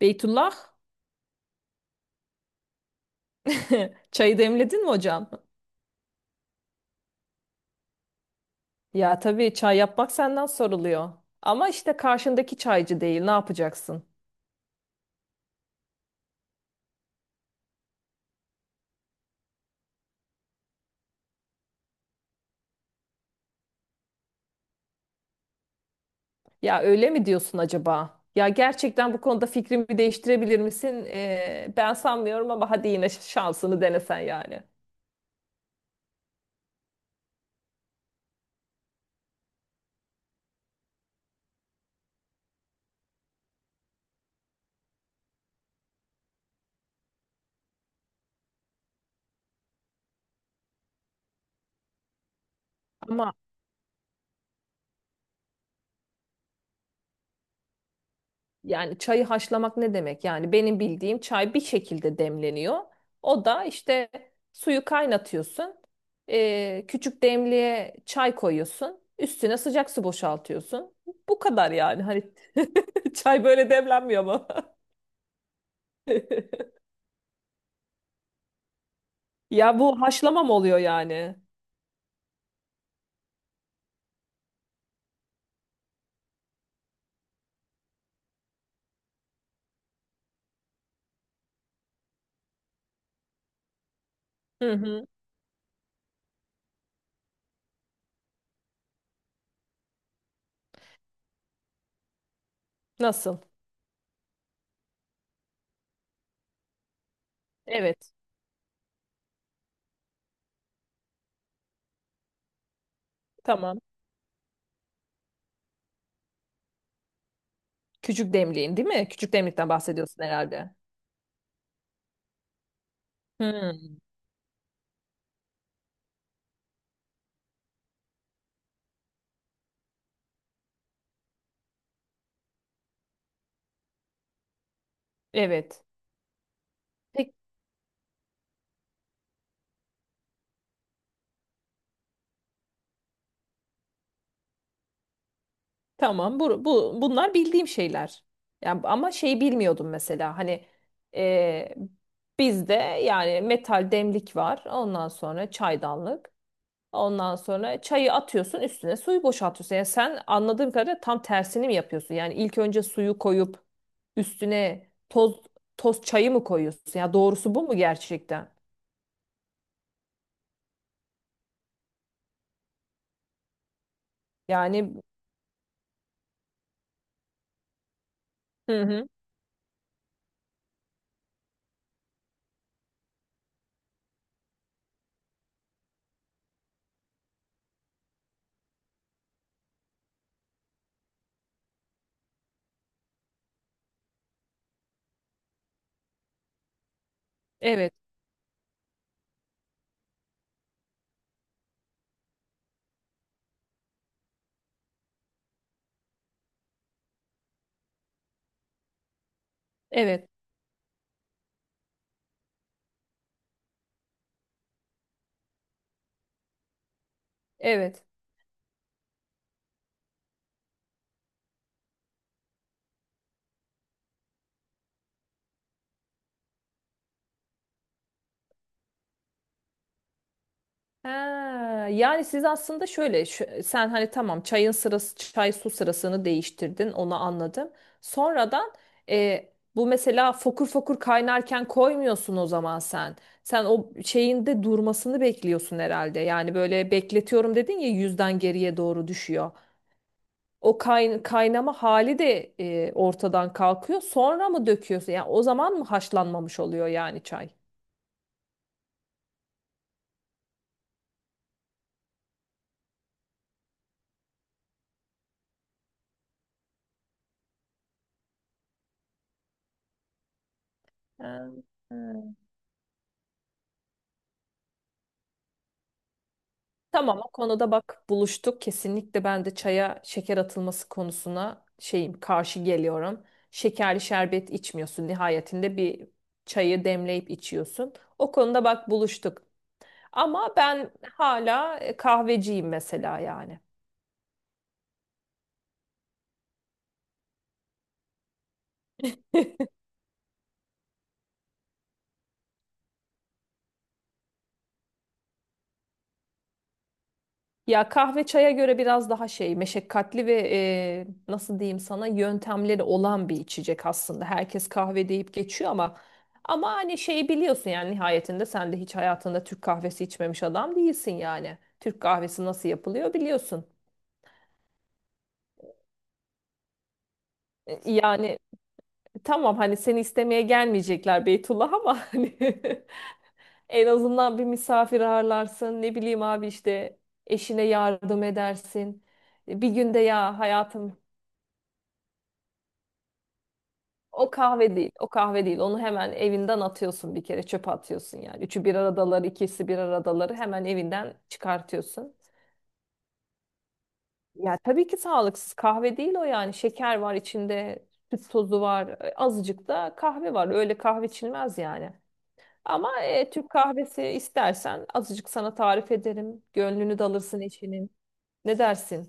Beytullah, çayı demledin mi hocam? Ya tabii çay yapmak senden soruluyor. Ama işte karşındaki çaycı değil, ne yapacaksın? Ya öyle mi diyorsun acaba? Ya gerçekten bu konuda fikrimi değiştirebilir misin? Ben sanmıyorum ama hadi yine şansını denesen yani. Ama. Yani çayı haşlamak ne demek? Yani benim bildiğim çay bir şekilde demleniyor. O da işte suyu kaynatıyorsun. Küçük demliğe çay koyuyorsun. Üstüne sıcak su boşaltıyorsun. Bu kadar yani. Hani çay böyle demlenmiyor ama. Ya bu haşlama mı oluyor yani? Hı hı. Nasıl? Evet. Tamam. Küçük demliğin değil mi? Küçük demlikten bahsediyorsun herhalde. Hmm, evet. Peki, tamam. Bunlar bildiğim şeyler. Yani, ama şey bilmiyordum mesela. Hani e, bizde yani metal demlik var. Ondan sonra çaydanlık. Ondan sonra çayı atıyorsun, üstüne suyu boşaltıyorsun. Yani sen anladığım kadarıyla tam tersini mi yapıyorsun? Yani ilk önce suyu koyup üstüne toz çayı mı koyuyorsun? Ya doğrusu bu mu gerçekten? Yani hı hı. Evet. Evet, evet. Ha, yani siz aslında şöyle, sen hani tamam çayın sırası, çay su sırasını değiştirdin, onu anladım. Sonradan e, bu mesela fokur fokur kaynarken koymuyorsun o zaman sen. Sen o şeyin de durmasını bekliyorsun herhalde. Yani böyle bekletiyorum dedin ya, yüzden geriye doğru düşüyor. O kaynama hali de ortadan kalkıyor. Sonra mı döküyorsun? Yani o zaman mı haşlanmamış oluyor yani çay? Ha, ha. Tamam, o konuda bak buluştuk. Kesinlikle ben de çaya şeker atılması konusuna şeyim, karşı geliyorum. Şekerli şerbet içmiyorsun. Nihayetinde bir çayı demleyip içiyorsun. O konuda bak buluştuk. Ama ben hala kahveciyim mesela yani. Ya kahve çaya göre biraz daha şey meşakkatli ve nasıl diyeyim sana, yöntemleri olan bir içecek aslında. Herkes kahve deyip geçiyor ama hani şey biliyorsun yani, nihayetinde sen de hiç hayatında Türk kahvesi içmemiş adam değilsin yani. Türk kahvesi nasıl yapılıyor biliyorsun. Yani tamam, hani seni istemeye gelmeyecekler Beytullah ama hani en azından bir misafir ağırlarsın, ne bileyim abi, işte eşine yardım edersin. Bir günde ya hayatım. O kahve değil. O kahve değil. Onu hemen evinden atıyorsun bir kere. Çöpe atıyorsun yani. Üçü bir aradaları, ikisi bir aradaları hemen evinden çıkartıyorsun. Ya tabii ki sağlıksız. Kahve değil o yani. Şeker var içinde, süt tozu var, azıcık da kahve var. Öyle kahve içilmez yani. Ama Türk kahvesi istersen azıcık sana tarif ederim. Gönlünü de alırsın eşinin. Ne dersin?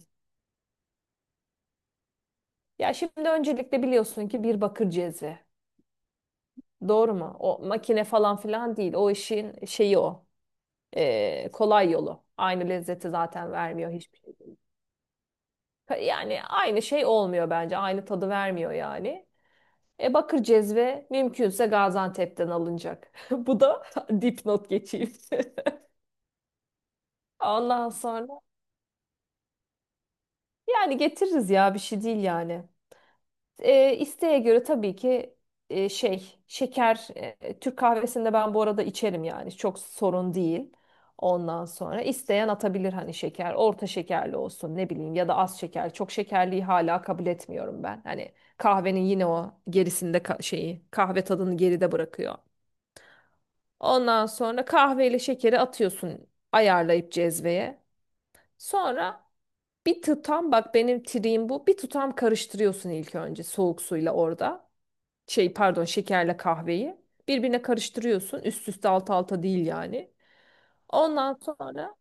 Ya şimdi öncelikle biliyorsun ki bir bakır cezve. Doğru mu? O makine falan filan değil. O işin şeyi o. Kolay yolu. Aynı lezzeti zaten vermiyor hiçbir şey. Yani aynı şey olmuyor bence. Aynı tadı vermiyor yani. Bakır cezve mümkünse Gaziantep'ten alınacak. Bu da dipnot geçeyim. Ondan sonra yani getiririz ya, bir şey değil yani. İsteğe göre tabii ki şeker, Türk kahvesinde ben bu arada içerim yani, çok sorun değil. Ondan sonra isteyen atabilir hani, şeker orta şekerli olsun, ne bileyim ya da az şeker, çok şekerliyi hala kabul etmiyorum ben. Hani kahvenin yine o gerisinde şeyi kahve tadını geride bırakıyor. Ondan sonra kahveyle şekeri atıyorsun ayarlayıp cezveye. Sonra bir tutam, bak benim triğim bu, bir tutam karıştırıyorsun ilk önce soğuk suyla orada, şey pardon şekerle kahveyi birbirine karıştırıyorsun. Üst üste alt alta değil yani. Ondan sonra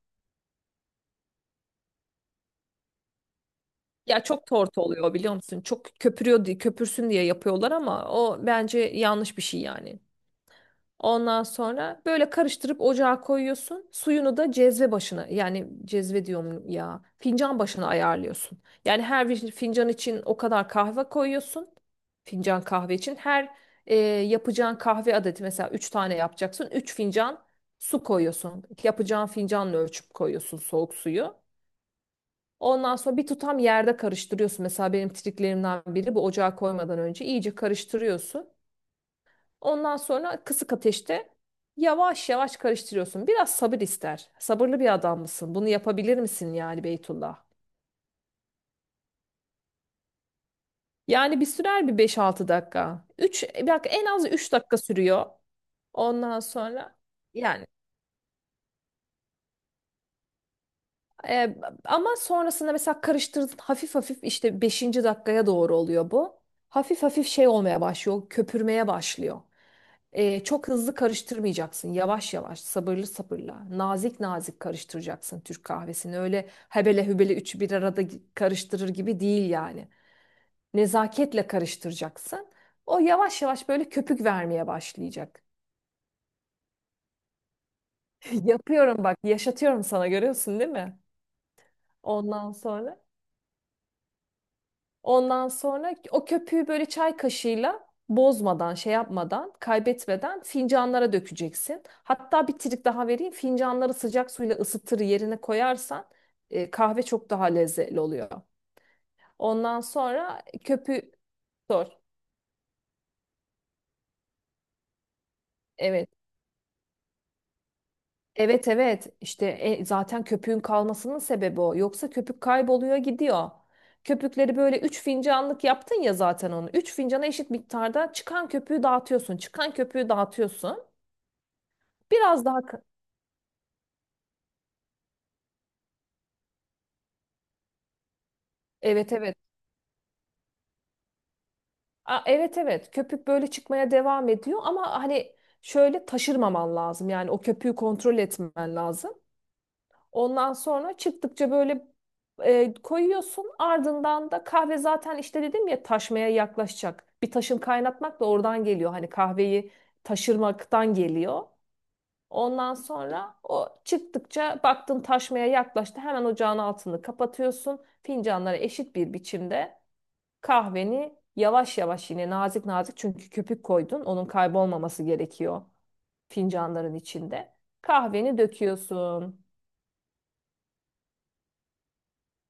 ya çok tortu oluyor biliyor musun? Çok köpürüyor diye, köpürsün diye yapıyorlar ama o bence yanlış bir şey yani. Ondan sonra böyle karıştırıp ocağa koyuyorsun. Suyunu da cezve başına, yani cezve diyorum ya, fincan başına ayarlıyorsun. Yani her bir fincan için o kadar kahve koyuyorsun. Fincan kahve için her yapacağın kahve adeti, mesela 3 tane yapacaksın. 3 fincan su koyuyorsun. Yapacağın fincanla ölçüp koyuyorsun soğuk suyu. Ondan sonra bir tutam yerde karıştırıyorsun. Mesela benim triklerimden biri bu, ocağa koymadan önce iyice karıştırıyorsun. Ondan sonra kısık ateşte yavaş yavaş karıştırıyorsun. Biraz sabır ister. Sabırlı bir adam mısın? Bunu yapabilir misin yani Beytullah? Yani bir sürer bir 5-6 dakika. 3 bak, en az 3 dakika sürüyor. Ondan sonra yani Ee, ama sonrasında mesela karıştırdın hafif hafif, işte 5. dakikaya doğru oluyor bu. Hafif hafif şey olmaya başlıyor, köpürmeye başlıyor. Çok hızlı karıştırmayacaksın. Yavaş yavaş, sabırlı sabırla, nazik nazik karıştıracaksın Türk kahvesini. Öyle hebele hübele üçü bir arada karıştırır gibi değil yani. Nezaketle karıştıracaksın. O yavaş yavaş böyle köpük vermeye başlayacak. Yapıyorum bak, yaşatıyorum sana, görüyorsun değil mi? Ondan sonra. Ondan sonra o köpüğü böyle çay kaşığıyla bozmadan, şey yapmadan, kaybetmeden fincanlara dökeceksin. Hatta bir trik daha vereyim. Fincanları sıcak suyla ısıtır yerine koyarsan kahve çok daha lezzetli oluyor. Ondan sonra köpüğü sor. Evet. Evet evet, işte zaten köpüğün kalmasının sebebi o. Yoksa köpük kayboluyor gidiyor. Köpükleri böyle 3 fincanlık yaptın ya zaten onu. 3 fincana eşit miktarda çıkan köpüğü dağıtıyorsun. Çıkan köpüğü dağıtıyorsun. Biraz daha evet evet. A, evet evet. Köpük böyle çıkmaya devam ediyor ama hani şöyle taşırmaman lazım. Yani o köpüğü kontrol etmen lazım. Ondan sonra çıktıkça böyle koyuyorsun. Ardından da kahve zaten, işte dedim ya, taşmaya yaklaşacak. Bir taşın kaynatmak da oradan geliyor. Hani kahveyi taşırmaktan geliyor. Ondan sonra o çıktıkça baktın taşmaya yaklaştı. Hemen ocağın altını kapatıyorsun. Fincanları eşit bir biçimde. Kahveni yavaş yavaş yine nazik nazik, çünkü köpük koydun, onun kaybolmaması gerekiyor fincanların içinde. Kahveni döküyorsun.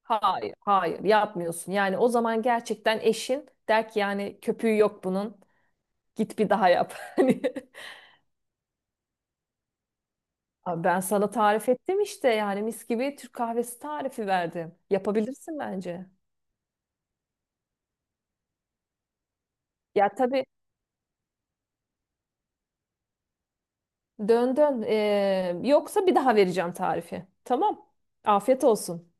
Hayır, hayır yapmıyorsun. Yani o zaman gerçekten eşin der ki, yani köpüğü yok bunun. Git bir daha yap. Hani abi, ben sana tarif ettim işte yani, mis gibi Türk kahvesi tarifi verdim. Yapabilirsin bence. Ya tabii, dön dön. Yoksa bir daha vereceğim tarifi. Tamam. Afiyet olsun.